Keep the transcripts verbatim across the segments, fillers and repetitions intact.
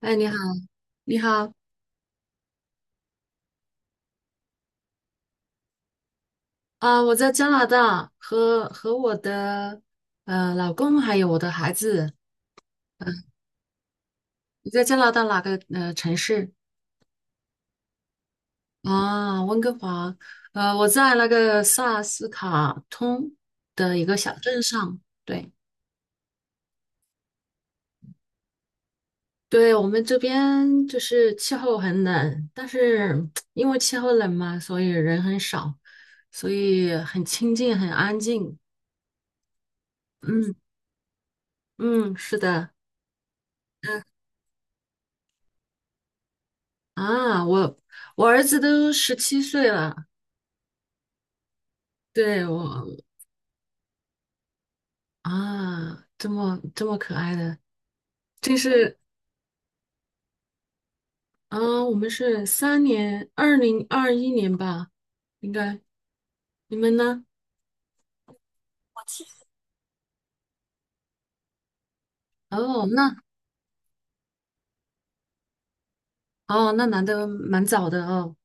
哎，你好，你好，啊，我在加拿大和和我的呃老公还有我的孩子。你在加拿大哪个呃城市？啊，温哥华。呃，我在那个萨斯卡通的一个小镇上。对，对我们这边就是气候很冷，但是因为气候冷嘛，所以人很少，所以很清静，很安静。嗯嗯，是的。啊，我我儿子都十七岁了，对我啊，这么这么可爱的，这是。啊，我们是三年，二零二一年吧，应该你们呢？哦，那。哦，那来的蛮早的哦。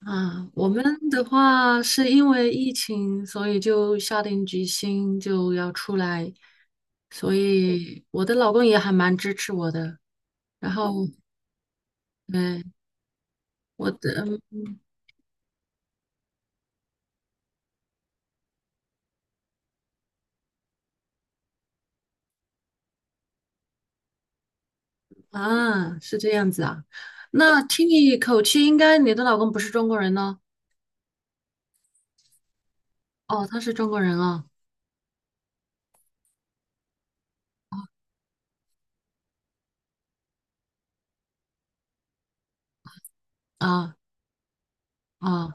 啊，我们的话是因为疫情，所以就下定决心就要出来，所以我的老公也还蛮支持我的。然后，嗯，我的。嗯。啊，是这样子啊。那听你口气，应该你的老公不是中国人呢？哦，他是中国人啊，啊。啊，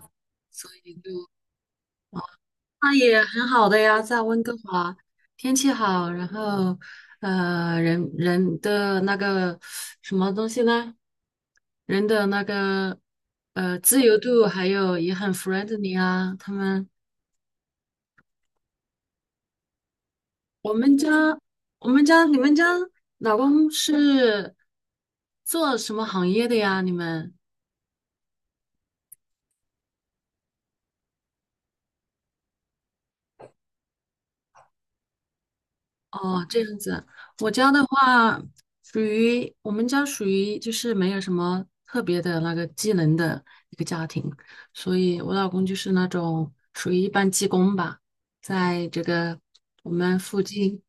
那也很好的呀，在温哥华，天气好，然后呃，人人的那个什么东西呢？人的那个呃自由度，还有也很 friendly 啊。他们我们家，我们家，你们家老公是做什么行业的呀？你们？哦，这样子，我家的话属于我们家属于就是没有什么特别的那个技能的一个家庭，所以我老公就是那种属于一般技工吧，在这个我们附近。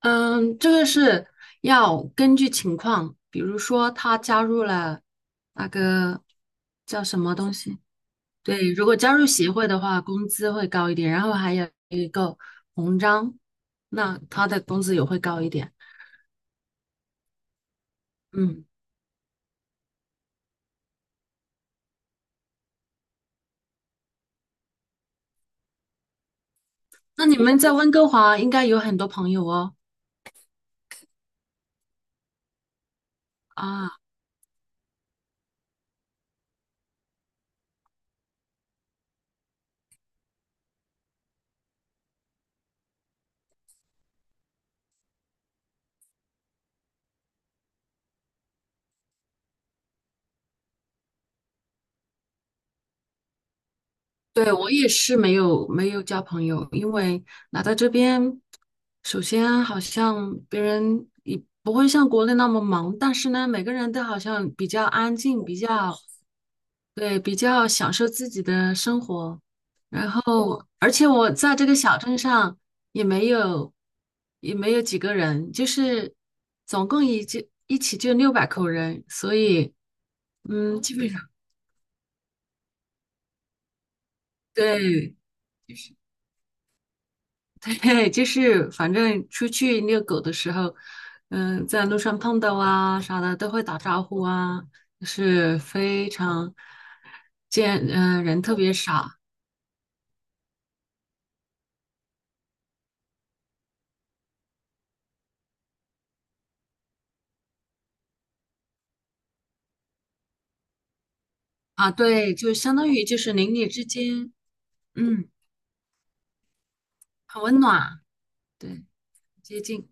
嗯，这个是要根据情况，比如说他加入了那个叫什么东西。对，如果加入协会的话，工资会高一点，然后还有一个红章，那他的工资也会高一点。嗯，那你们在温哥华应该有很多朋友哦。啊。对，我也是没有没有交朋友，因为来到这边，首先好像别人也不会像国内那么忙，但是呢，每个人都好像比较安静，比较对，比较享受自己的生活。然后，而且我在这个小镇上也没有也没有几个人，就是总共也就一起就六百口人，所以嗯，基本上对。对，就是反正出去遛狗的时候，嗯，在路上碰到啊啥的都会打招呼啊，就是非常见，嗯，人特别少啊，对，就相当于就是邻里之间，嗯，很温暖，对，接近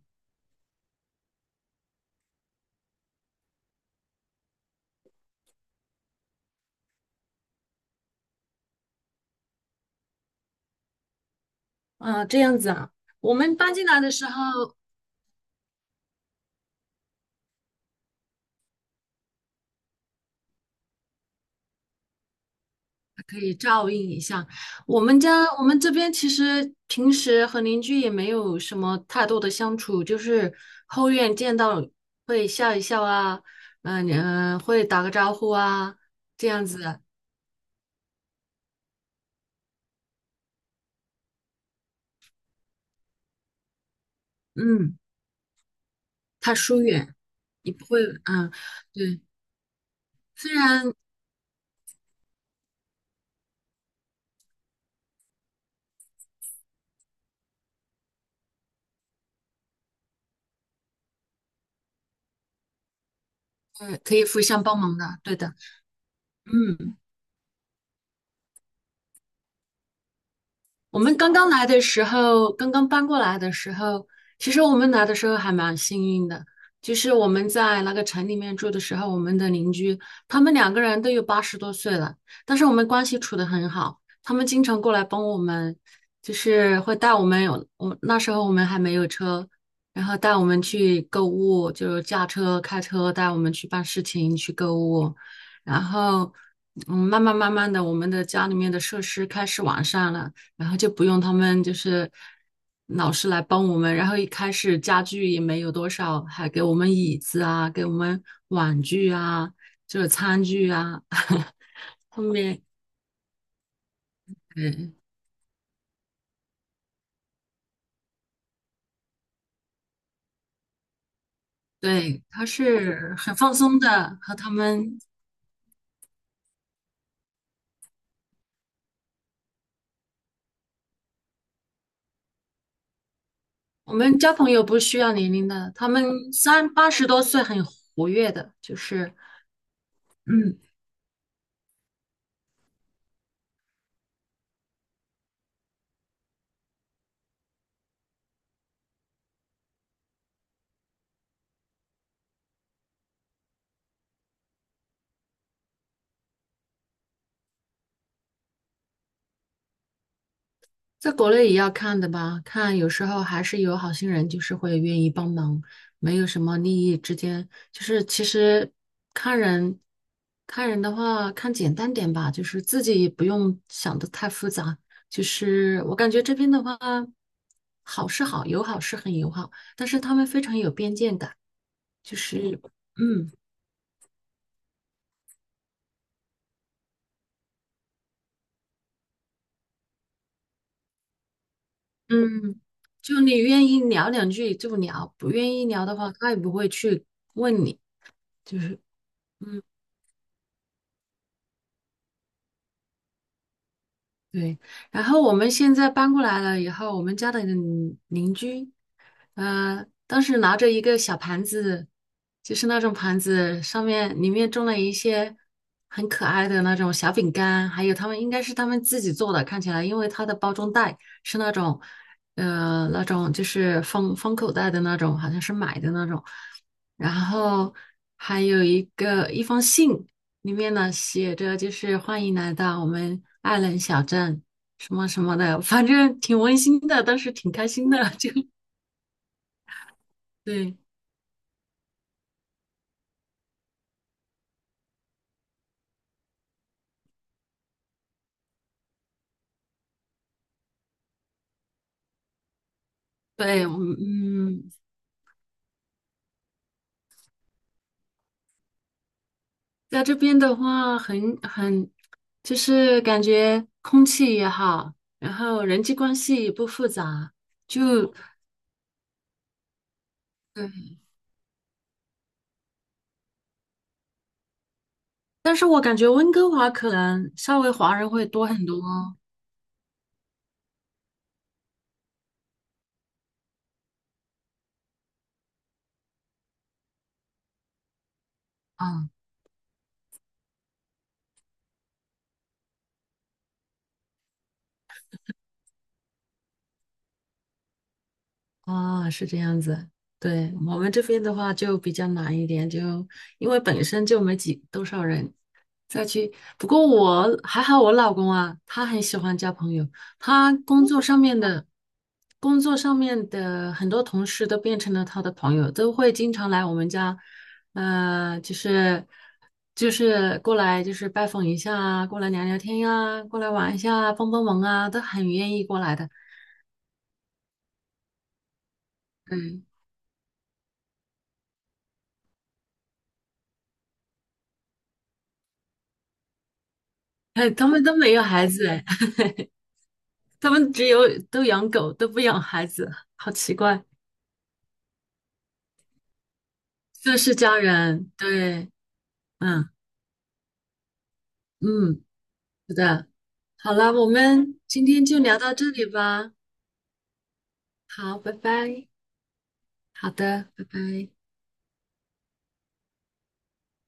啊，这样子啊。我们搬进来的时候，我们家我们这边其实平时和邻居也没有什么太多的相处，就是后院见到会笑一笑啊，嗯、嗯、会打个招呼啊，这样子。嗯，他疏远也不会，嗯，对，虽然呃可以互相帮忙的，对的，嗯。我们刚刚来的时候，刚刚搬过来的时候，其实我们来的时候还蛮幸运的，就是我们在那个城里面住的时候，我们的邻居他们两个人都有八十多岁了，但是我们关系处得很好，他们经常过来帮我们，就是会带我们有，我那时候我们还没有车，然后带我们去购物，就是驾车、开车带我们去办事情、去购物，然后。嗯，慢慢慢慢的，我们的家里面的设施开始完善了，然后就不用他们就是老师来帮我们，然后一开始家具也没有多少，还给我们椅子啊，给我们碗具啊，就是餐具啊。后面，嗯，对，他是很放松的，和他们我们交朋友不需要年龄的，他们三八十多岁很活跃的，就是嗯，在国内也要看的吧，看有时候还是有好心人，就是会愿意帮忙，没有什么利益之间，就是其实看人，看人的话，看简单点吧，就是自己也不用想的太复杂。就是我感觉这边的话，好是好，友好是很友好，但是他们非常有边界感，就是嗯嗯，就你愿意聊两句就聊，不愿意聊的话，他也不会去问你，就是。嗯。对，然后我们现在搬过来了以后，我们家的邻邻居，呃，当时拿着一个小盘子，就是那种盘子，上面里面种了一些很可爱的那种小饼干，还有他们应该是他们自己做的，看起来，因为它的包装袋是那种，呃，那种就是封封口袋的那种，好像是买的那种，然后还有一个一封信。里面呢写着就是欢迎来到我们艾伦小镇什么什么的，反正挺温馨的，当时挺开心的。就对对，嗯，在这边的话很很就是感觉空气也好，然后人际关系也不复杂，就对。但是我感觉温哥华可能稍微华人会多很多，嗯。啊，是这样子。对，我们这边的话就比较难一点，就因为本身就没几多少人再去。不过我还好，我老公啊，他很喜欢交朋友，他工作上面的工作上面的很多同事都变成了他的朋友，都会经常来我们家，呃，就是就是过来就是拜访一下啊，过来聊聊天呀、过来玩一下啊，帮帮忙啊，都很愿意过来的。嗯，哎，他们都没有孩子哎。他们只有都养狗，都不养孩子，好奇怪。这是家人，对，嗯嗯，是的。好了，我们今天就聊到这里吧。好，拜拜。好的，拜拜。